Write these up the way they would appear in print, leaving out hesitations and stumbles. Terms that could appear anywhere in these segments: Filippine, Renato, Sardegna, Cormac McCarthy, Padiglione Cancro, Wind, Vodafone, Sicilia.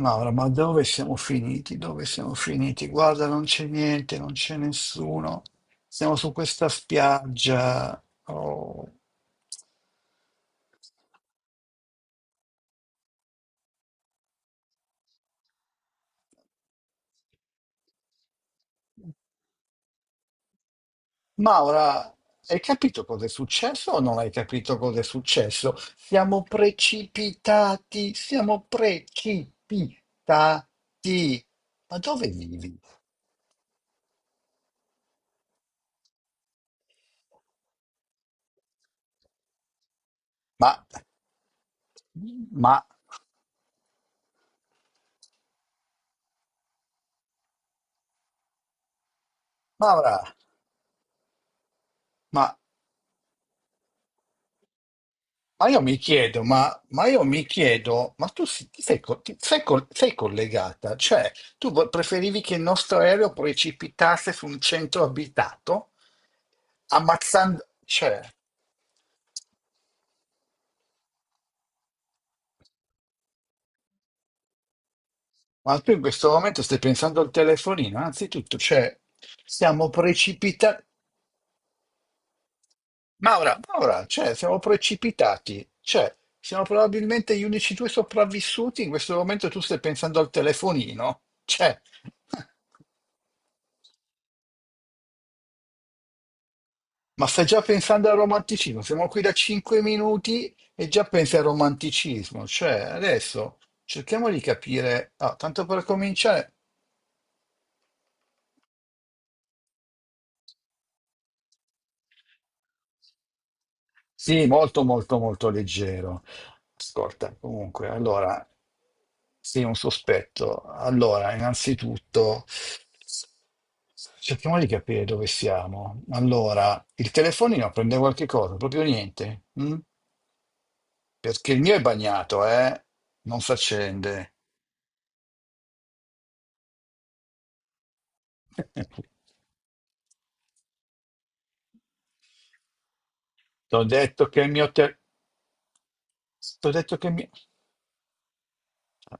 Maura, ma dove siamo finiti? Dove siamo finiti? Guarda, non c'è niente, non c'è nessuno. Siamo su questa spiaggia. Oh, Maura, hai capito cosa è successo o non hai capito cosa è successo? Siamo precipitati, siamo precipitati. Ma dove vivi? Ma, ma, Maura, ma io mi chiedo, ma tu si- ti sei, co- ti- sei col- sei collegata? Cioè, tu preferivi che il nostro aereo precipitasse su un centro abitato, ammazzando. Cioè, ma tu in questo momento stai pensando al telefonino, anzitutto, cioè, siamo precipitati. Maura, Maura, cioè, siamo precipitati, cioè, siamo probabilmente gli unici due sopravvissuti, in questo momento tu stai pensando al telefonino, cioè. Ma stai già pensando al romanticismo? Siamo qui da 5 minuti e già pensi al romanticismo. Cioè, adesso cerchiamo di capire. Ah, tanto per cominciare, sì, molto, molto, molto leggero. Ascolta, comunque, allora, sì, un sospetto. Allora, innanzitutto, cerchiamo di capire dove siamo. Allora, il telefonino prende qualche cosa, proprio niente. Mm? Perché il mio è bagnato, eh? Non si accende. T'ho detto che il mio. T'ho detto che il mio.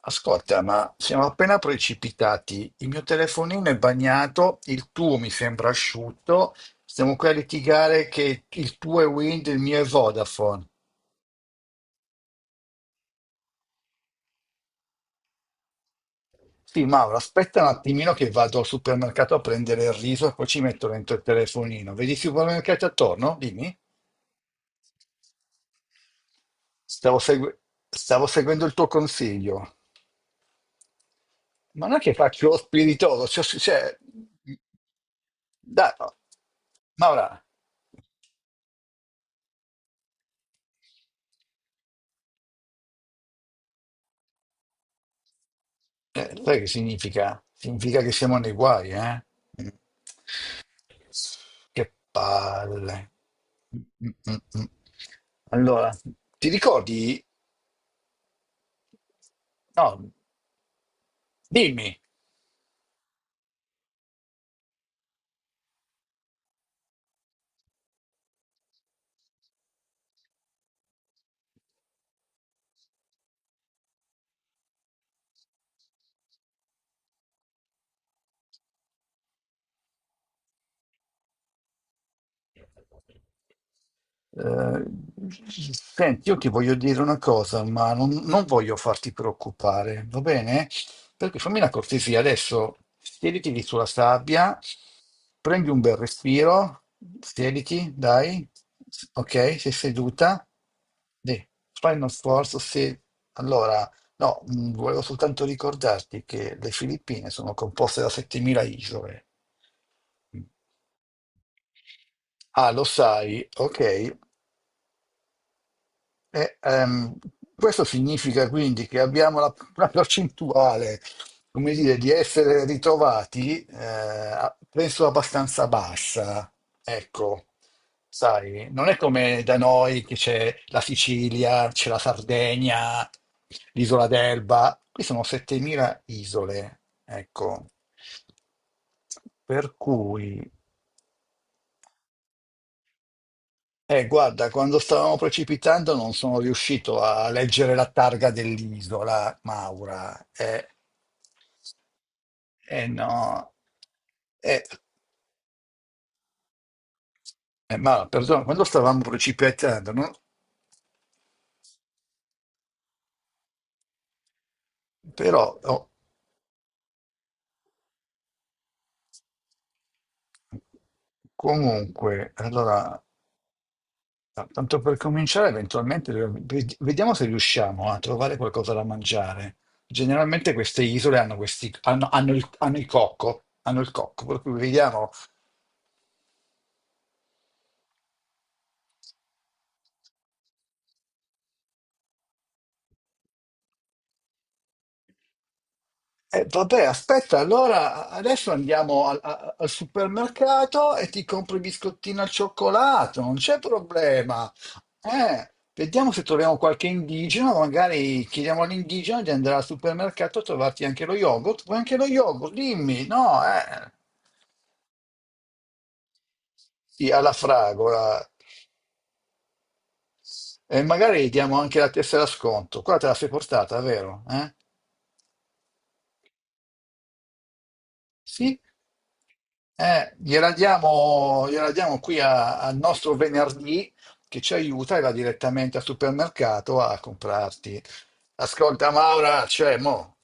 Ascolta, ma siamo appena precipitati. Il mio telefonino è bagnato, il tuo mi sembra asciutto. Stiamo qui a litigare che il tuo è Wind, il mio è Vodafone. Sì, Mauro, aspetta un attimino che vado al supermercato a prendere il riso e poi ci metto dentro il telefonino. Vedi i supermercati attorno? Dimmi. Stavo, segu- stavo seguendo il tuo consiglio, ma non è che faccio lo spiritoso, cioè, dai, no. Ma ora, sai che significa? Significa che siamo nei guai, eh? Mm. Che palle. Mm, mm, mm, mm. Allora, ti ricordi? No, dimmi. Eh, Senti, io ti voglio dire una cosa, ma non voglio farti preoccupare, va bene? Perché fammi una cortesia, adesso siediti lì sulla sabbia, prendi un bel respiro, siediti, dai, ok, sei seduta, dì, fai uno sforzo, se... Allora, no, volevo soltanto ricordarti che le Filippine sono composte da 7.000 isole. Ah, lo sai, ok. E, questo significa quindi che abbiamo la percentuale, come dire, di essere ritrovati, penso abbastanza bassa. Ecco, sai, non è come da noi che c'è la Sicilia, c'è la Sardegna, l'isola d'Elba. Qui sono 7.000 isole, ecco. Per cui. Guarda, quando stavamo precipitando non sono riuscito a leggere la targa dell'isola, Maura. No, eh, ma perdona, quando stavamo precipitando, no? Però, oh, comunque, allora, tanto per cominciare, eventualmente vediamo se riusciamo a trovare qualcosa da mangiare. Generalmente queste isole hanno il cocco, per cui vediamo. Vabbè, aspetta, allora adesso andiamo al supermercato e ti compro i biscottini al cioccolato, non c'è problema. Vediamo se troviamo qualche indigeno, magari chiediamo all'indigeno di andare al supermercato a trovarti anche lo yogurt. Vuoi anche lo yogurt? Dimmi, no? Eh? Sì, alla fragola. E magari diamo anche la tessera sconto. Qua te la sei portata, vero? Eh? Sì, gliela diamo qui al nostro venerdì che ci aiuta e va direttamente al supermercato a comprarti. Ascolta, Maura, cioè, mo,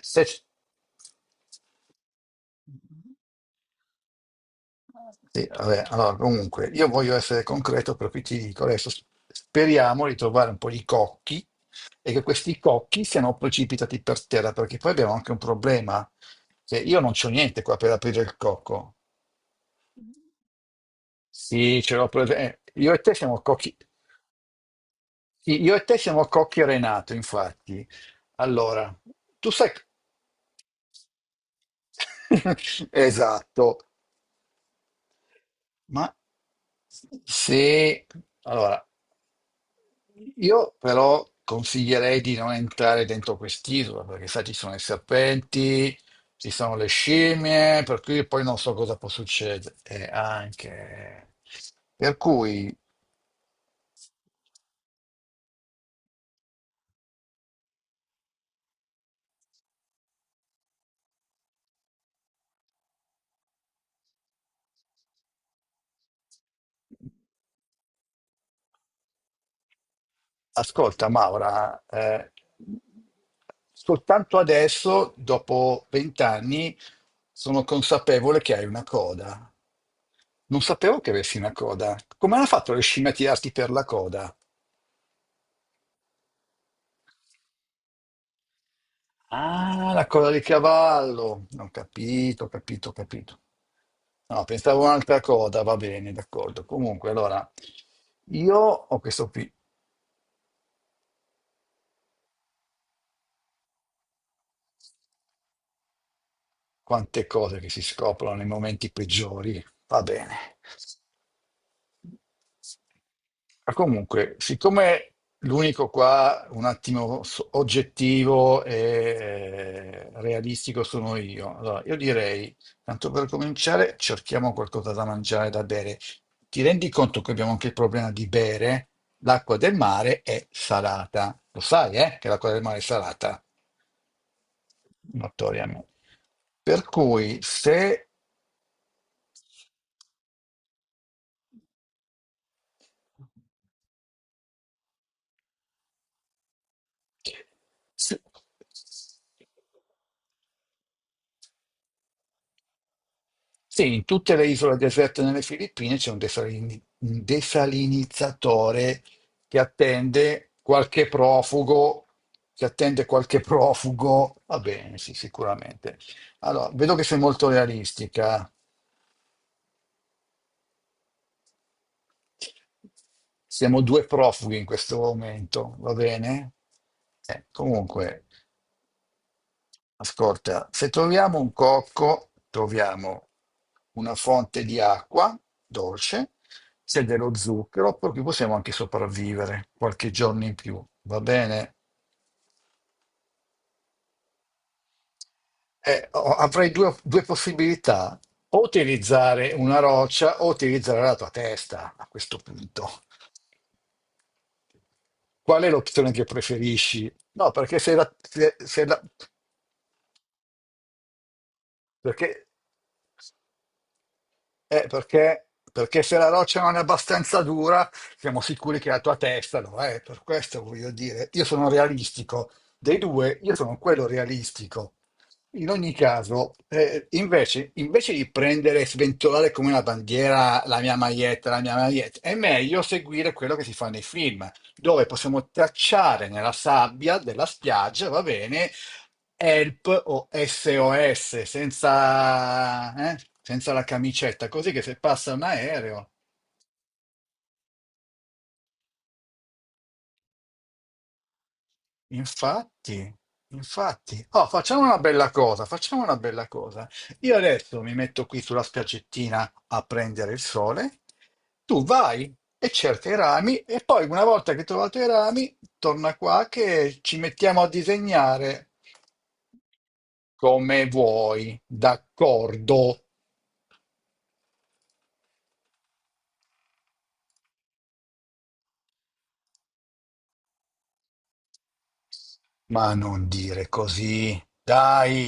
se... c- sì, vabbè, allora, comunque, io voglio essere concreto, per cui ti dico adesso, speriamo di trovare un po' di cocchi e che questi cocchi siano precipitati per terra, perché poi abbiamo anche un problema, che io non c'ho niente qua per aprire il cocco. Sì, ce l'ho presa. Io e te siamo cocchi. Sì, io e te siamo cocchi e Renato, infatti. Allora, tu sai. Esatto. Ma se Allora, io però consiglierei di non entrare dentro quest'isola, perché sai, ci sono i serpenti, ci sono le scimmie, per cui poi non so cosa può succedere, anche. Per cui. Ascolta, Maura, soltanto adesso, dopo vent'anni, sono consapevole che hai una coda. Non sapevo che avessi una coda. Come hanno fatto le scimmie a tirarti per la coda? Ah, la coda di cavallo. Ho capito, ho capito, ho capito. No, pensavo a un'altra coda, va bene, d'accordo. Comunque, allora, io ho questo qui. Quante cose che si scoprono nei momenti peggiori. Va bene. Ma comunque, siccome l'unico qua un attimo oggettivo e realistico sono io, allora io direi, tanto per cominciare, cerchiamo qualcosa da mangiare, da bere. Ti rendi conto che abbiamo anche il problema di bere? L'acqua del mare è salata. Lo sai, che l'acqua del mare è salata? Notoriamente. Per cui se, se- Sì, in tutte le isole deserte nelle Filippine c'è un desalinizzatore che attende qualche profugo, va bene, sì, sicuramente. Allora, vedo che sei molto realistica. Siamo due profughi in questo momento, va bene? Comunque, ascolta, se troviamo un cocco, troviamo una fonte di acqua dolce, se dello zucchero, perché possiamo anche sopravvivere qualche giorno in più, va bene? Avrei due possibilità, o utilizzare una roccia o utilizzare la tua testa a questo punto. Qual è l'opzione che preferisci? No, perché se la, se- se la- perché perché, se la roccia non è abbastanza dura, siamo sicuri che la tua testa lo è. Per questo voglio dire, io sono realistico. Dei due, io sono quello realistico. In ogni caso, invece di prendere e sventolare come una bandiera la mia maglietta, è meglio seguire quello che si fa nei film, dove possiamo tracciare nella sabbia della spiaggia, va bene, help o SOS senza la camicetta, così che se passa un aereo. Infatti, infatti. Oh, facciamo una bella cosa, facciamo una bella cosa. Io adesso mi metto qui sulla spiaggettina a prendere il sole, tu vai e cerca i rami e poi una volta che hai trovato i rami, torna qua che ci mettiamo a disegnare come vuoi, d'accordo? Ma non dire così, dai!